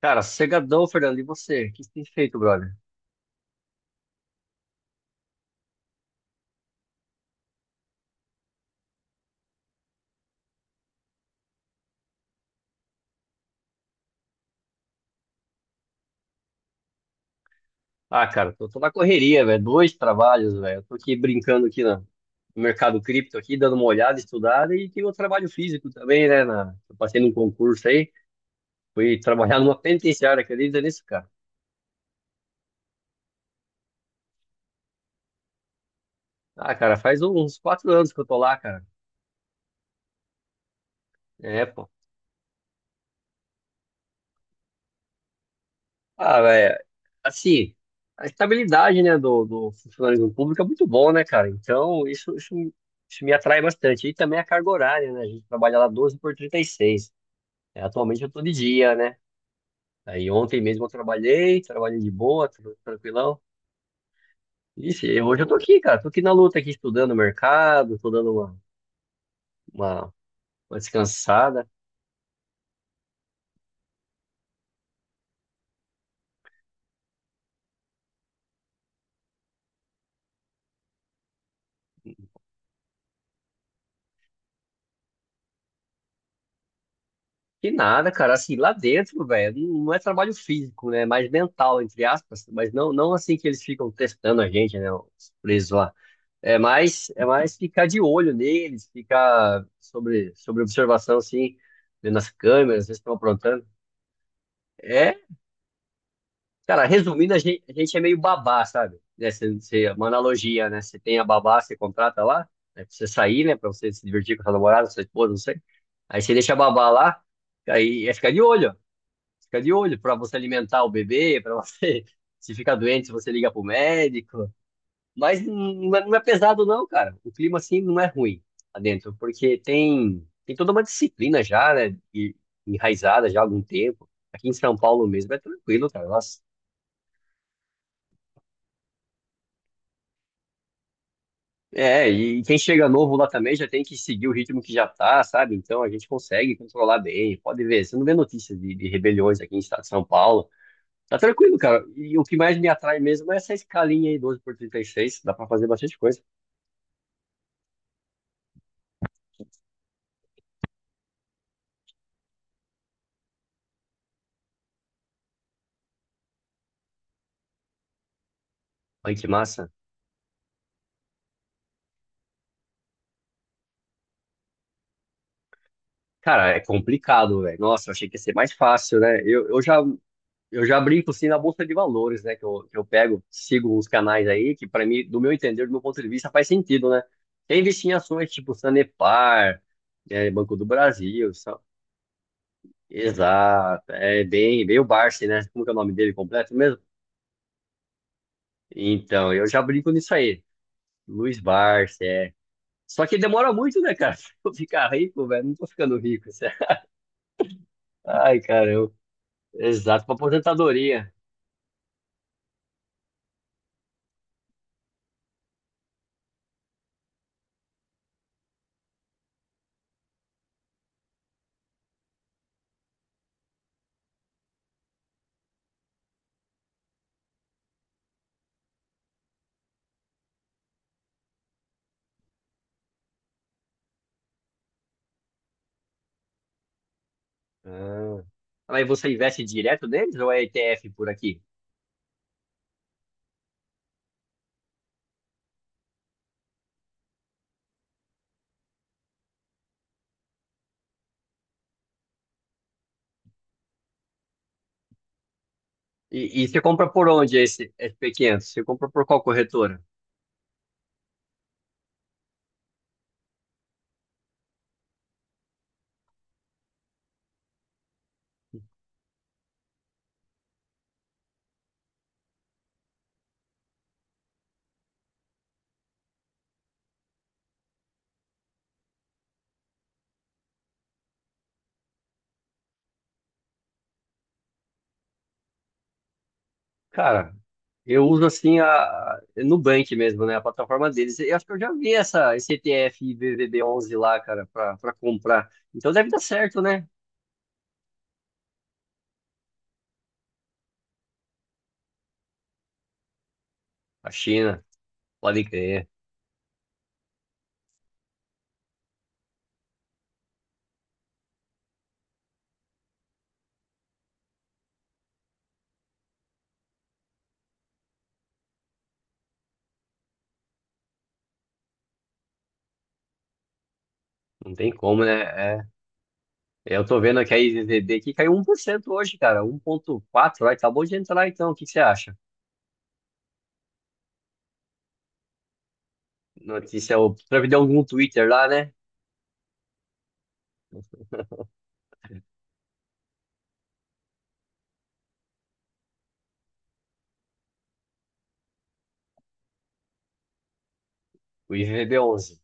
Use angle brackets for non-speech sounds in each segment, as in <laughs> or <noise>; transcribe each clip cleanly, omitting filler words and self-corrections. Cara, cegadão, Fernando. E você? O que você tem feito, brother? Ah, cara, tô na correria, velho. Dois trabalhos, velho. Eu tô aqui brincando aqui no mercado cripto, aqui, dando uma olhada, estudada. E tem o trabalho físico também, né? Eu passei num concurso aí. Fui trabalhar numa penitenciária, acredita nisso, cara? Ah, cara, faz uns 4 anos que eu tô lá, cara. É, pô. Ah, velho, assim, a estabilidade, né, do funcionalismo público é muito bom, né, cara? Então, isso me atrai bastante. E também a carga horária, né? A gente trabalha lá 12 por 36. É, atualmente eu tô de dia, né? Aí ontem mesmo eu trabalhei de boa, tranquilão. Isso, e hoje eu tô aqui, cara. Tô aqui na luta, aqui estudando o mercado, tô dando uma, uma descansada. Que nada, cara. Assim, lá dentro, velho, não é trabalho físico, né? É mais mental, entre aspas. Mas não assim que eles ficam testando a gente, né? Os presos lá. É mais ficar de olho neles, ficar sobre observação, assim, vendo as câmeras, vocês estão aprontando. É, cara, resumindo, a gente é meio babá, sabe? Né? Uma analogia, né? Você tem a babá, você contrata lá, né? Pra você sair, né? Pra você se divertir com a sua namorada, com a sua esposa, não sei. Aí você deixa a babá lá, aí é ficar de olho, ó. Fica de olho para você alimentar o bebê, para você, <laughs> se ficar doente, você liga pro médico. Mas não é pesado não, cara. O clima assim não é ruim lá dentro, porque tem toda uma disciplina já, né, enraizada já há algum tempo. Aqui em São Paulo mesmo é tranquilo, cara. Nossa. É, e quem chega novo lá também já tem que seguir o ritmo que já tá, sabe? Então a gente consegue controlar bem. Pode ver, você não vê notícias de rebeliões aqui em estado de São Paulo. Tá tranquilo, cara. E o que mais me atrai mesmo é essa escalinha aí, 12 por 36. Dá pra fazer bastante coisa. Olha que massa. Cara, é complicado, velho. Nossa, eu achei que ia ser mais fácil, né? Eu já brinco, assim, na bolsa de valores, né? Que eu pego, sigo uns canais aí, que pra mim, do meu entender, do meu ponto de vista, faz sentido, né? Tem investir em ações tipo Sanepar, é, Banco do Brasil, só... Exato. É bem, bem o Barsi, né? Como que é o nome dele completo mesmo? Então, eu já brinco nisso aí. Luiz Barsi, é. Só que demora muito, né, cara? <laughs> Pra eu ficar rico, velho. Não tô ficando rico, sério. Ai, caramba. Exato, pra aposentadoria. Ah. Aí você investe direto neles ou é ETF por aqui? E você compra por onde esse SP500? Você compra por qual corretora? Cara, eu uso assim a Nubank mesmo, né? A plataforma deles. Eu acho que eu já vi esse ETF IBVB11 lá, cara, pra comprar. Então deve dar certo, né? A China, pode crer. Não tem como, né? É, eu tô vendo que a IZZB aqui caiu 1% hoje, cara. Um 1,4, vai, acabou de entrar então. O que que você acha? Notícia, o Trump deu algum Twitter lá, né? O IVVB11.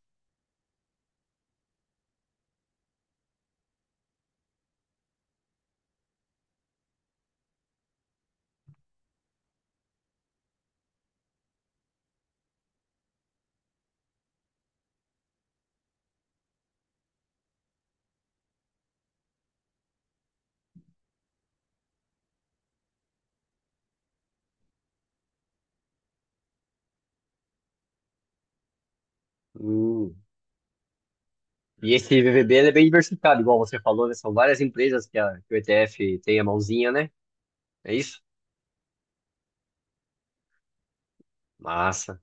Hum. E esse IVVB ele é bem diversificado, igual você falou, né? São várias empresas que o ETF tem a mãozinha, né? É isso? Massa.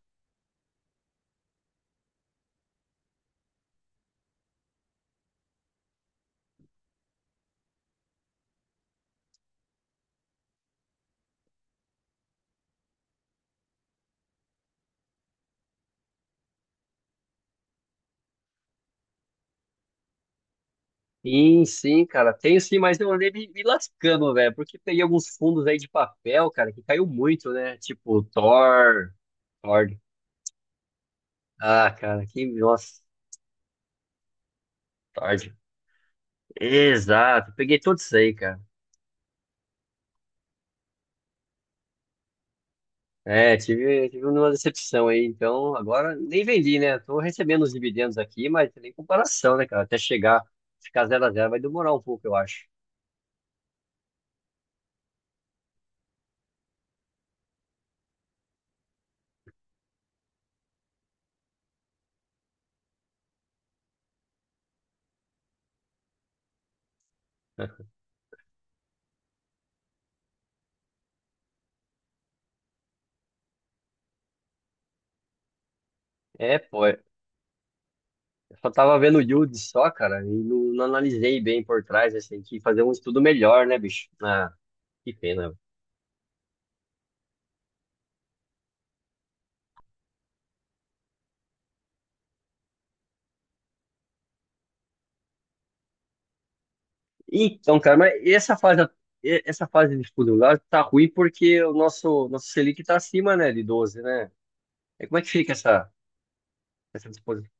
Sim, sim, cara. Tenho sim, mas eu andei me lascando, velho, porque peguei alguns fundos aí de papel, cara, que caiu muito, né? Tipo, Thor, Thor. Ah, cara, que, nossa, Thor. Exato, peguei tudo isso aí, cara. É, tive uma decepção aí, então agora nem vendi, né? Tô recebendo os dividendos aqui, mas tem comparação, né, cara? Até chegar, ficar zero a zero vai demorar um pouco, eu acho. É, pô, é, eu só tava vendo o yield só, cara, e não analisei bem por trás, assim, que fazer um estudo melhor, né, bicho? Ah, que pena. Então, cara, mas essa fase de estudo lá tá ruim porque o nosso Selic tá acima, né, de 12, né? E como é que fica essa disposição?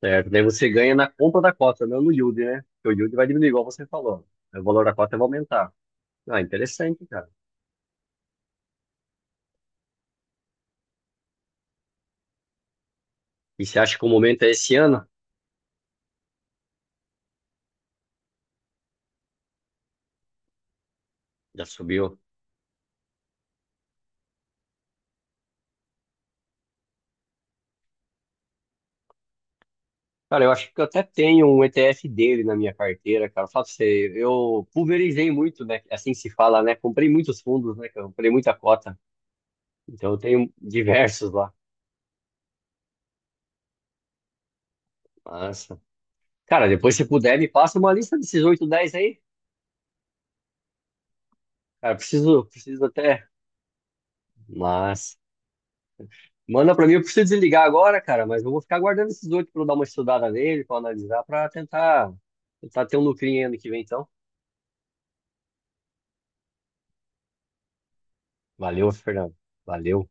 Certo, daí você ganha na conta da cota, não no yield, né? Porque o yield vai diminuir, igual você falou. O valor da cota vai aumentar. Ah, interessante, cara. E você acha que o momento é esse ano? Já subiu. Cara, eu acho que eu até tenho um ETF dele na minha carteira, cara. Fala pra você, eu pulverizei muito, né? Assim se fala, né? Comprei muitos fundos, né? Cara? Comprei muita cota. Então eu tenho diversos lá. Massa. Cara, depois se puder, me passa uma lista desses 8 10 aí. Cara, preciso até. Massa. Manda pra mim, eu preciso desligar agora, cara, mas eu vou ficar guardando esses oito pra eu dar uma estudada nele, pra analisar, pra tentar ter um lucrinho ano que vem, então. Valeu, Fernando. Valeu.